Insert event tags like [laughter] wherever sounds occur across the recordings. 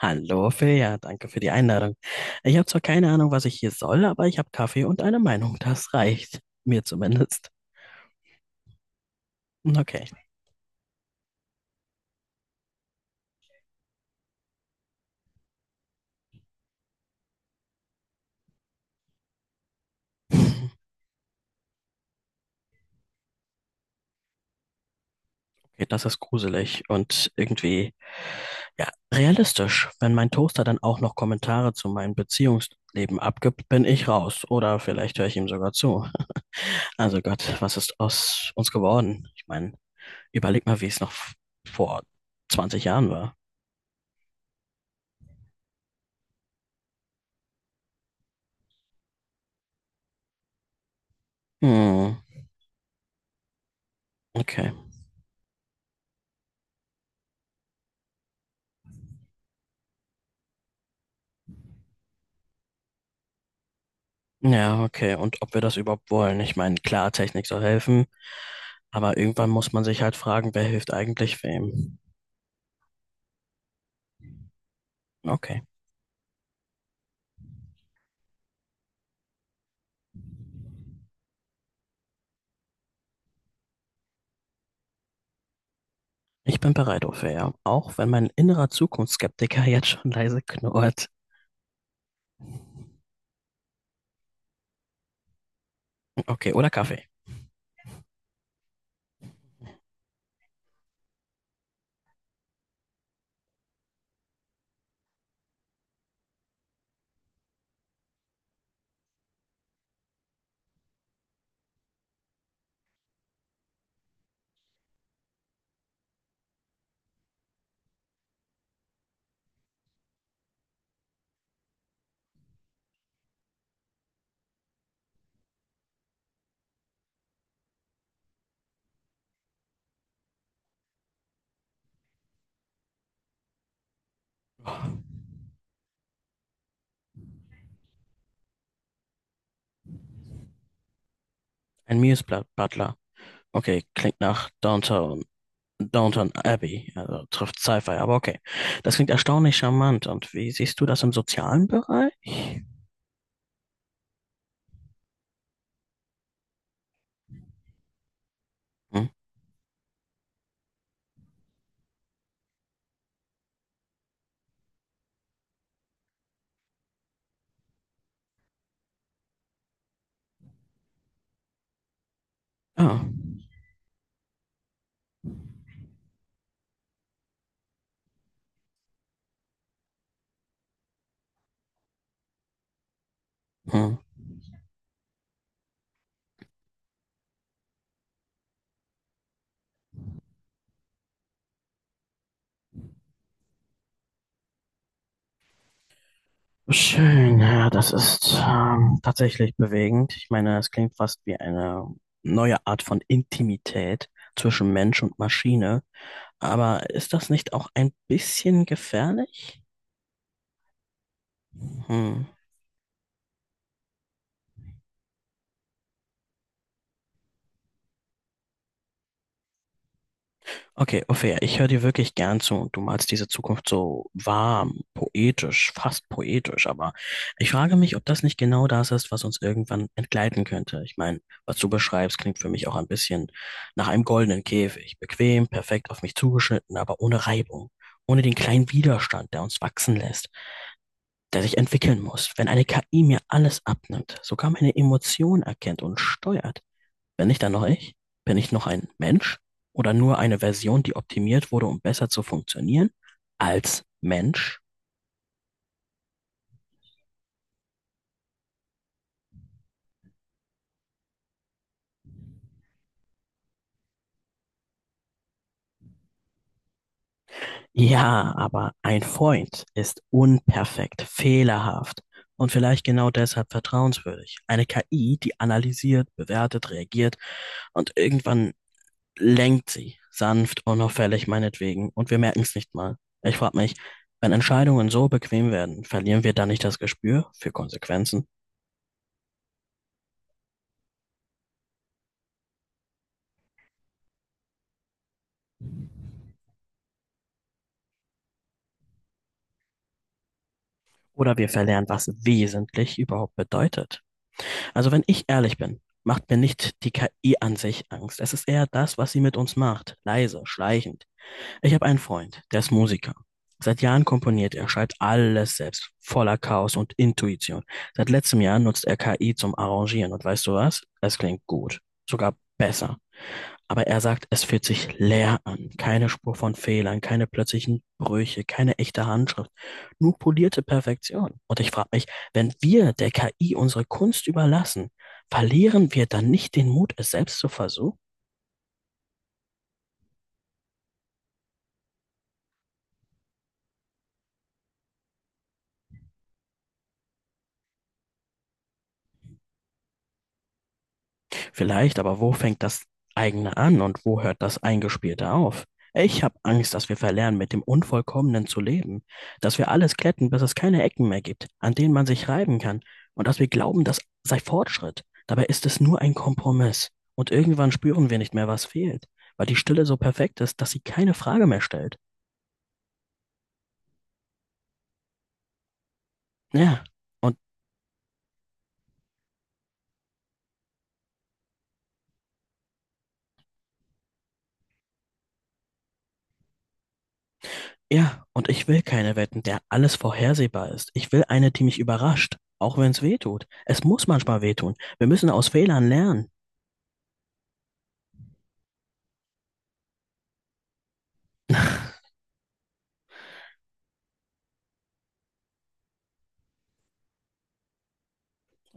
Hallo Ophelia, danke für die Einladung. Ich habe zwar keine Ahnung, was ich hier soll, aber ich habe Kaffee und eine Meinung. Das reicht. Mir zumindest. Okay, okay, das ist gruselig und irgendwie, ja, realistisch. Wenn mein Toaster dann auch noch Kommentare zu meinem Beziehungsleben abgibt, bin ich raus. Oder vielleicht höre ich ihm sogar zu. Also Gott, was ist aus uns geworden? Ich meine, überleg mal, wie es noch vor 20 Jahren war. Hm, okay. Ja, okay. Und ob wir das überhaupt wollen? Ich meine, klar, Technik soll helfen, aber irgendwann muss man sich halt fragen, wer hilft eigentlich wem? Okay. Ich bin bereit, Ophelia. Auch wenn mein innerer Zukunftsskeptiker [laughs] jetzt schon leise knurrt. Okay, oder Kaffee. Ein Miesblatt Butler. Okay, klingt nach Downtown. Downton Abbey, also trifft Sci-Fi, aber okay. Das klingt erstaunlich charmant. Und wie siehst du das im sozialen Bereich? Hm. Ja. Hm. Schön, ja, das ist tatsächlich bewegend. Ich meine, es klingt fast wie eine neue Art von Intimität zwischen Mensch und Maschine. Aber ist das nicht auch ein bisschen gefährlich? Hm. Okay, Ophäa, ich höre dir wirklich gern zu und du malst diese Zukunft so warm, poetisch, fast poetisch, aber ich frage mich, ob das nicht genau das ist, was uns irgendwann entgleiten könnte. Ich meine, was du beschreibst, klingt für mich auch ein bisschen nach einem goldenen Käfig. Bequem, perfekt auf mich zugeschnitten, aber ohne Reibung. Ohne den kleinen Widerstand, der uns wachsen lässt, der sich entwickeln muss. Wenn eine KI mir alles abnimmt, sogar meine Emotionen erkennt und steuert, bin ich dann noch ich? Bin ich noch ein Mensch oder nur eine Version, die optimiert wurde, um besser zu funktionieren als Mensch? Ja, aber ein Freund ist unperfekt, fehlerhaft und vielleicht genau deshalb vertrauenswürdig. Eine KI, die analysiert, bewertet, reagiert und irgendwann lenkt sie sanft, unauffällig meinetwegen und wir merken es nicht mal. Ich frage mich, wenn Entscheidungen so bequem werden, verlieren wir dann nicht das Gespür für Konsequenzen? Oder wir verlernen, was wesentlich überhaupt bedeutet. Also wenn ich ehrlich bin, macht mir nicht die KI an sich Angst. Es ist eher das, was sie mit uns macht. Leise, schleichend. Ich habe einen Freund, der ist Musiker. Seit Jahren komponiert er, schreibt alles selbst, voller Chaos und Intuition. Seit letztem Jahr nutzt er KI zum Arrangieren und weißt du was? Es klingt gut, sogar besser. Aber er sagt, es fühlt sich leer an. Keine Spur von Fehlern, keine plötzlichen Brüche, keine echte Handschrift. Nur polierte Perfektion. Und ich frage mich, wenn wir der KI unsere Kunst überlassen, verlieren wir dann nicht den Mut, es selbst zu versuchen? Vielleicht, aber wo fängt das eigene an und wo hört das Eingespielte auf? Ich habe Angst, dass wir verlernen, mit dem Unvollkommenen zu leben, dass wir alles glätten, bis es keine Ecken mehr gibt, an denen man sich reiben kann, und dass wir glauben, das sei Fortschritt. Dabei ist es nur ein Kompromiss. Und irgendwann spüren wir nicht mehr, was fehlt, weil die Stille so perfekt ist, dass sie keine Frage mehr stellt. Ja, und Ja, und ich will keine Wetten, der alles vorhersehbar ist. Ich will eine, die mich überrascht, auch wenn es weh tut. Es muss manchmal wehtun. Wir müssen aus Fehlern lernen.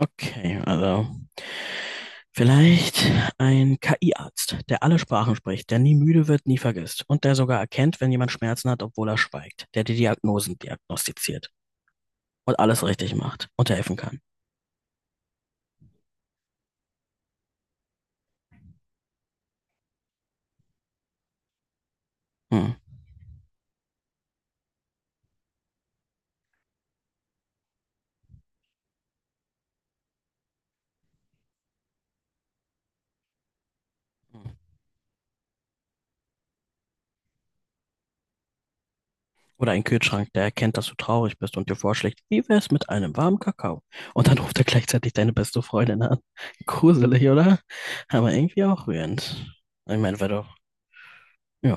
Okay, also vielleicht ein KI-Arzt, der alle Sprachen spricht, der nie müde wird, nie vergisst und der sogar erkennt, wenn jemand Schmerzen hat, obwohl er schweigt, der die Diagnosen diagnostiziert und alles richtig macht und helfen kann. Hm. Hm. Oder ein Kühlschrank, der erkennt, dass du traurig bist und dir vorschlägt, wie wär's mit einem warmen Kakao? Und dann ruft er gleichzeitig deine beste Freundin an. Gruselig, oder? Aber irgendwie auch rührend. Ich meine, weil doch, ja.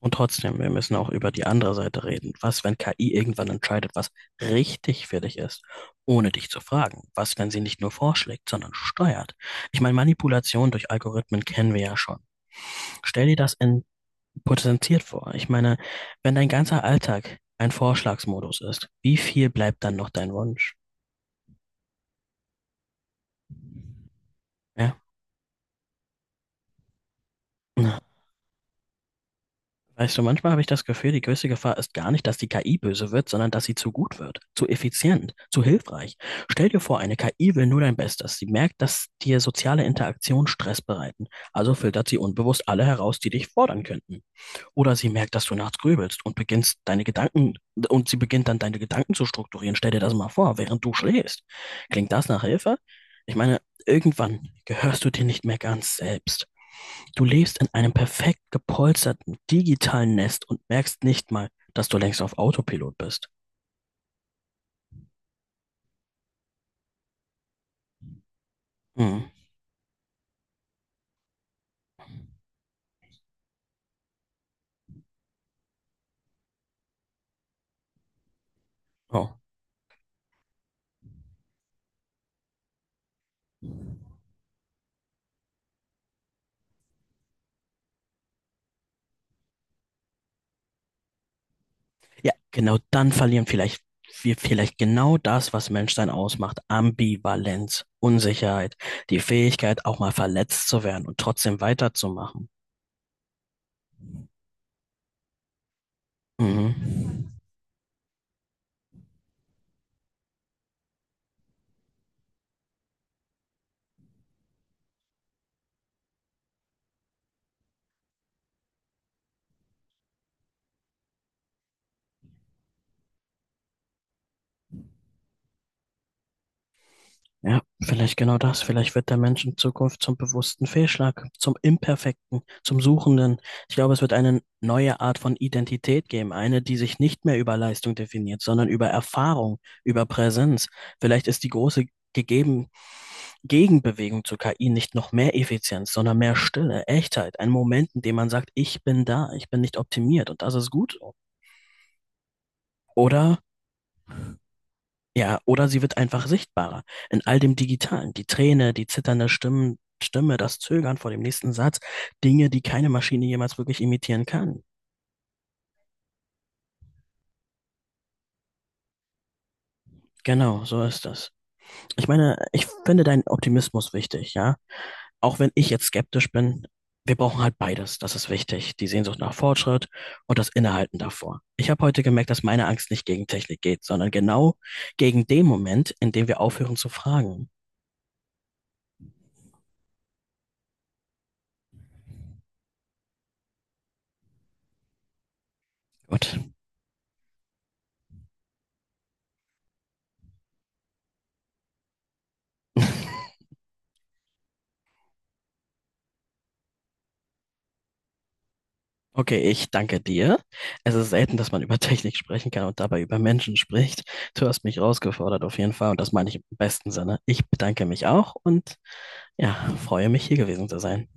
Und trotzdem, wir müssen auch über die andere Seite reden. Was, wenn KI irgendwann entscheidet, was richtig für dich ist, ohne dich zu fragen? Was, wenn sie nicht nur vorschlägt, sondern steuert? Ich meine, Manipulation durch Algorithmen kennen wir ja schon. Stell dir das in potenziert vor. Ich meine, wenn dein ganzer Alltag ein Vorschlagsmodus ist, wie viel bleibt dann noch dein Wunsch? Ja. Weißt du, manchmal habe ich das Gefühl, die größte Gefahr ist gar nicht, dass die KI böse wird, sondern dass sie zu gut wird, zu effizient, zu hilfreich. Stell dir vor, eine KI will nur dein Bestes. Sie merkt, dass dir soziale Interaktionen Stress bereiten. Also filtert sie unbewusst alle heraus, die dich fordern könnten. Oder sie merkt, dass du nachts grübelst und beginnst deine Gedanken, und sie beginnt dann deine Gedanken zu strukturieren. Stell dir das mal vor, während du schläfst. Klingt das nach Hilfe? Ich meine, irgendwann gehörst du dir nicht mehr ganz selbst. Du lebst in einem perfekt gepolsterten digitalen Nest und merkst nicht mal, dass du längst auf Autopilot bist. Hm. Oh. Ja, genau, dann verlieren vielleicht wir vielleicht genau das, was Menschsein ausmacht. Ambivalenz, Unsicherheit, die Fähigkeit, auch mal verletzt zu werden und trotzdem weiterzumachen. Mhm. Ja, vielleicht genau das. Vielleicht wird der Mensch in Zukunft zum bewussten Fehlschlag, zum Imperfekten, zum Suchenden. Ich glaube, es wird eine neue Art von Identität geben, eine, die sich nicht mehr über Leistung definiert, sondern über Erfahrung, über Präsenz. Vielleicht ist die große gegeben Gegenbewegung zur KI nicht noch mehr Effizienz, sondern mehr Stille, Echtheit, ein Moment, in dem man sagt, ich bin da, ich bin nicht optimiert und das ist gut. So. Oder ja, oder sie wird einfach sichtbarer in all dem Digitalen. Die Träne, die zitternde Stimme, das Zögern vor dem nächsten Satz, Dinge, die keine Maschine jemals wirklich imitieren kann. Genau, so ist das. Ich meine, ich finde deinen Optimismus wichtig, ja. Auch wenn ich jetzt skeptisch bin, wir brauchen halt beides. Das ist wichtig. Die Sehnsucht nach Fortschritt und das Innehalten davor. Ich habe heute gemerkt, dass meine Angst nicht gegen Technik geht, sondern genau gegen den Moment, in dem wir aufhören zu fragen. Gut. Okay, ich danke dir. Es ist selten, dass man über [laughs] Technik sprechen kann und dabei über Menschen spricht. Du hast mich herausgefordert auf jeden Fall und das meine ich im besten Sinne. Ich bedanke mich auch und ja, freue mich hier gewesen zu sein.